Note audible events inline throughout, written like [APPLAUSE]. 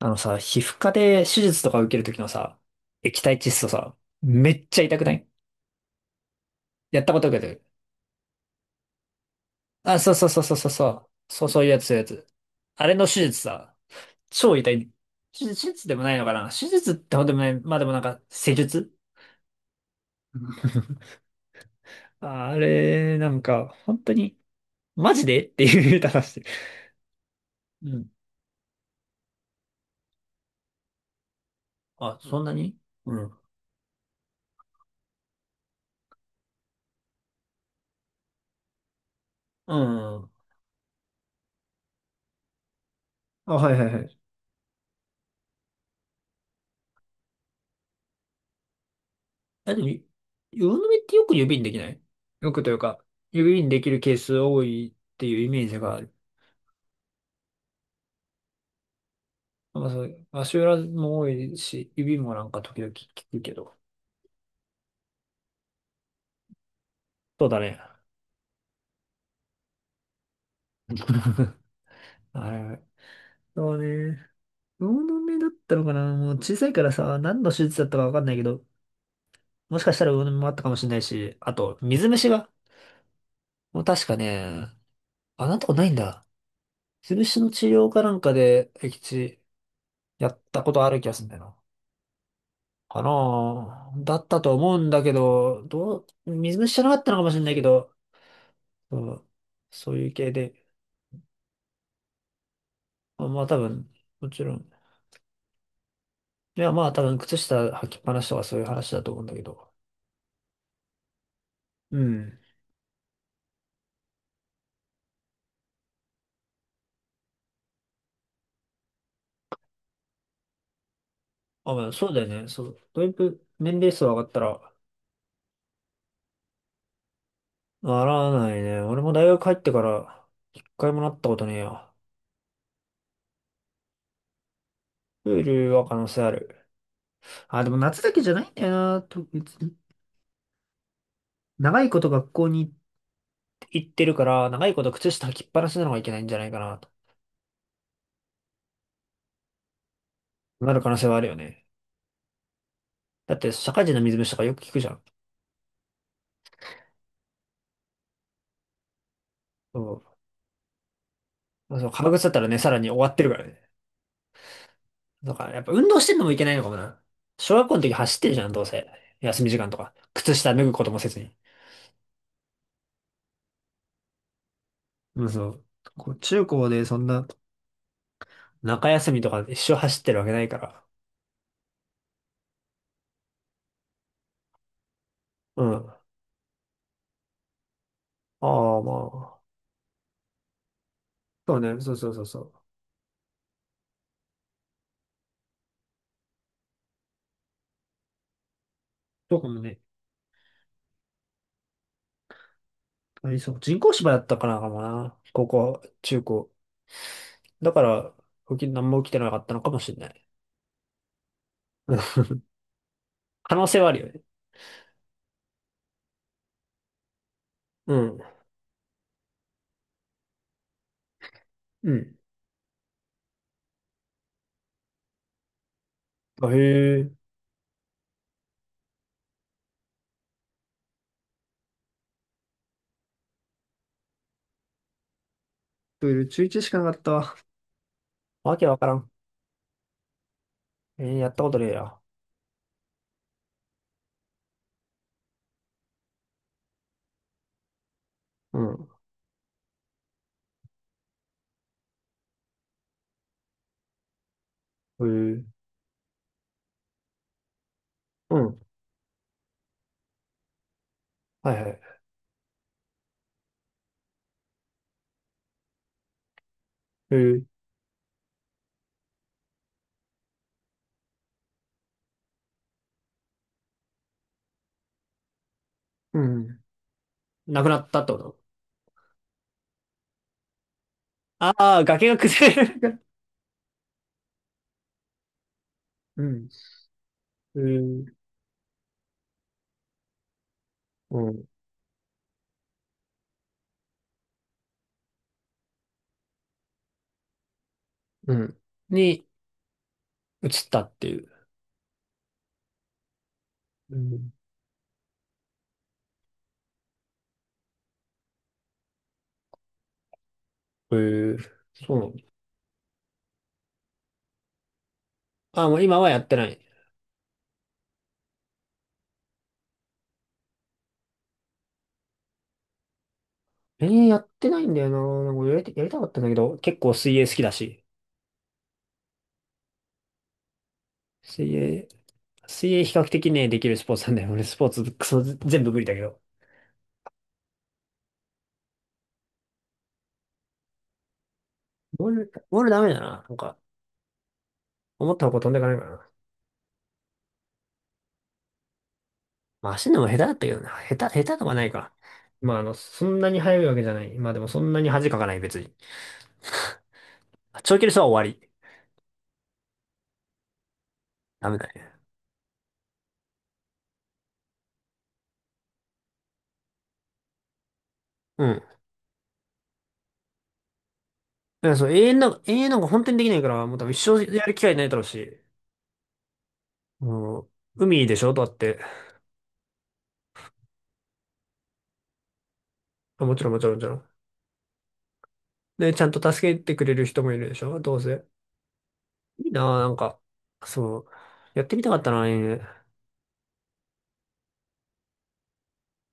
あのさ、皮膚科で手術とか受けるときのさ、液体窒素さ、めっちゃ痛くない？やったことある。あ、そうそうそうそうそうそう。そうそういうやつ、そういうやつ。あれの手術さ、超痛い。手術、手術でもないのかな？手術ってほどでもない。まあでもなんか、施術、あれ、なんか、本当に、マジでっていう話してる。うん。あ、そんなに？うん。うん。あ、はいはいはい。あ、でも、魚の目ってよく指にできない？よくというか、指にできるケース多いっていうイメージがある。まあ、そう、足裏も多いし、指もなんか時々聞くけど。そうだね。[LAUGHS] あれ、そうね。魚の目だったのかな？もう小さいからさ、何の手術だったかわかんないけど、もしかしたら魚の目もあったかもしれないし、あと、水虫が。もう確かね、あ、なんとかないんだ。水虫の治療かなんかで、液地やったことある気がするんだよな。かなあだったと思うんだけど、どう、水虫じゃなかったのかもしれないけど、そう、そういう系で、まあ、まあ多分、もちろん。いや、まあ多分、靴下履きっぱなしとかそういう話だと思うんだけど。うん。あ、まあ、そうだよね。そう。だいぶ年齢層上がったら、ならないね。俺も大学入ってから、一回もなったことねえよ。プールは可能性ある。あ、でも夏だけじゃないんだよな、と、別に。長いこと学校に行ってるから、長いこと靴下履きっぱなしなのがいけないんじゃないかな。となる可能性はあるよね。だって社会人の水虫とかよく聞くじゃん。そう。まあその革靴だったらね、さらに終わってるからね。だからやっぱ運動してんのもいけないのかもな。小学校の時走ってるじゃん、どうせ。休み時間とか。靴下脱ぐこともせずに。うん、そう。こう中高でそんな中休みとか一生走ってるわけないから。うん。ああ、まあ。そうね、そうそうそうそう。どかもね、ありそう。人工芝だったからかもな。高校、中高。だから、起き、何も起きてなかったのかもしれない。うん、可能性はあるよね。うん。うん。あ、へえ。プール中1しかなかったわ。わけわからん。えー、やったことねえや。うん。へえ。うん。はいはい。へえ。うん。なくなったってこと？ああー、崖が崩れる。 [LAUGHS] うん。へー、うん。うん。に移ったっていう。うん。へえ。そうなんだ。ああ、もう今はやってない。えー、やってないんだよな。なんかやりた、やりたかったんだけど、結構水泳好きだし。水泳、水泳比較的ね、できるスポーツなんだよ。俺スポーツ、クソ、全部無理だけど。ボールダメだな。なんか、思った方向飛んでいかないからな。まあ、走るのも下手だったけどな。下手、下手とかないか。まあ、あの、そんなに速いわけじゃない。まあでもそんなに恥かかない、別に。[LAUGHS] 長距離走は終わり。ダメだね。うん。だからそう、永遠なんか、永遠なんか本当にできないから、もう多分一生やる機会ないだろうし、もう、海でしょだって。あ、もちろんもちろんもちろん。で、ちゃんと助けてくれる人もいるでしょ、どうせ。いいなぁ、なんか。そう。やってみたかったなぁ、ね、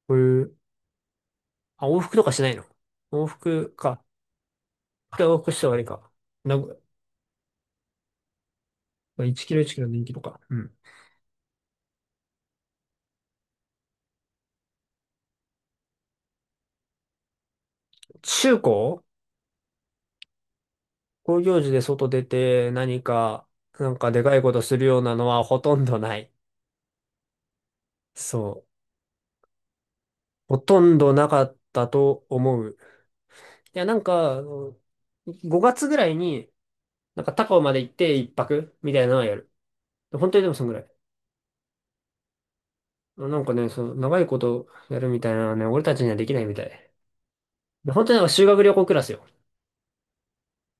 こういう、あ、往復とかしないの？往復か。東北市とかでいいか。名古、まあ、1キロ1キロでいキロか。うん。中高、高業時で外出て何か、なんかでかいことするようなのはほとんどない。そう。ほとんどなかったと思う。いや、なんか、あの5月ぐらいに、なんか高尾まで行って一泊みたいなのはやる。本当にでもそんぐらい。なんかね、その長いことやるみたいなのはね、俺たちにはできないみたい。で本当になんか修学旅行クラスよ。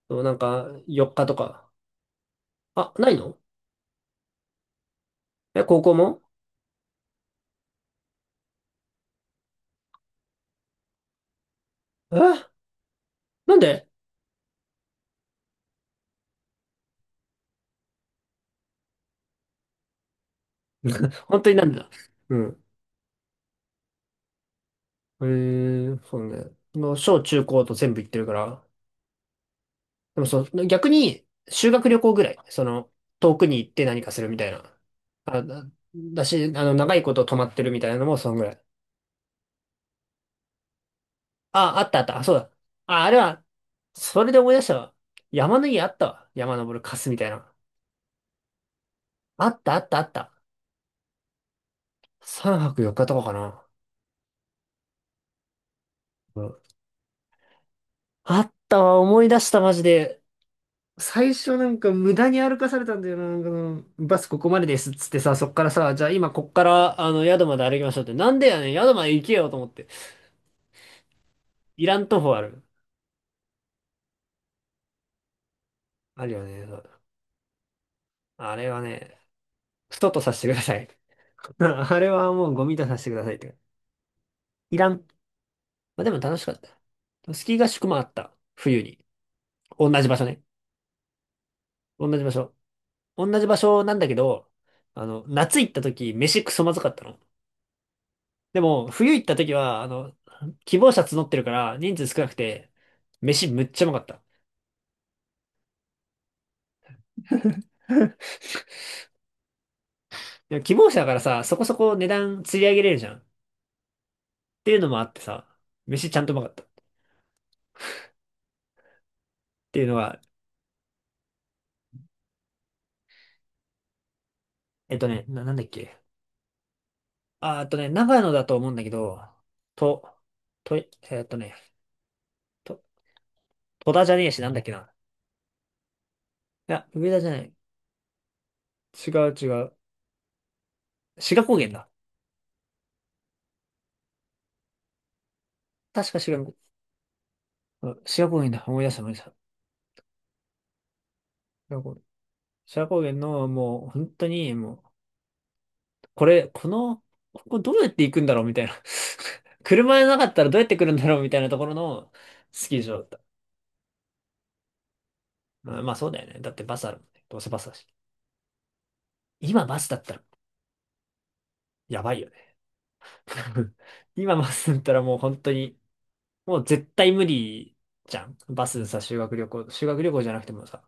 そうなんか4日とか。あ、ないの？え、高校も？え、なんで？本当になんでだ。うん。えー、そうね。その、小中高と全部行ってるから。でもそう、逆に、修学旅行ぐらい。その、遠くに行って何かするみたいな。あ、だ、だし、あの、長いこと泊まってるみたいなのもそんぐらい。あ、あったあった。あ、そうだ。あ、あれは、それで思い出したわ。山の家あったわ。山登るカスみたいな。あったあったあった。三泊四日とかかな。うん、あったわ、思い出した、マジで。最初なんか無駄に歩かされたんだよな。なんかそのバスここまでですっつってさ、そっからさ、じゃあ今こっからあの宿まで歩きましょうって。なんでやねん、宿まで行けよと思って。いらん徒歩ある。あるよね。そう、あれはね、ストとさせてください。[LAUGHS] あれはもうゴミとさせてくださいって。いらん。まあ、でも楽しかった。スキー合宿もあった。冬に。同じ場所ね。同じ場所。同じ場所なんだけど、あの、夏行った時、飯クソまずかったの。でも、冬行った時は、あの、希望者募ってるから、人数少なくて、飯むっちゃうまかった。[LAUGHS] でも希望者だからさ、そこそこ値段釣り上げれるじゃん。っていうのもあってさ、飯ちゃんとうまかった。っていうのが、えっとね、なんだっけ。あ、あとね、長野だと思うんだけど、と、と、えっとね、と、戸田じゃねえし、なんだっけな。いや、上田じゃない。違う違う。志賀高原だ。確か志賀、うん、志賀高原だ。思い出した思い出した。志賀高原、志賀高原の、もう、本当に、もう、これ、この、ここどうやって行くんだろうみたいな。[LAUGHS] 車じゃなかったらどうやって来るんだろうみたいなところのスキー場だった。まあ、まあそうだよね。だってバスあるもんね。どうせバスだし。今バスだったらやばいよね。[LAUGHS] 今バスだったらもう本当に、もう絶対無理じゃん。バスさ、修学旅行、修学旅行じゃなくてもさ、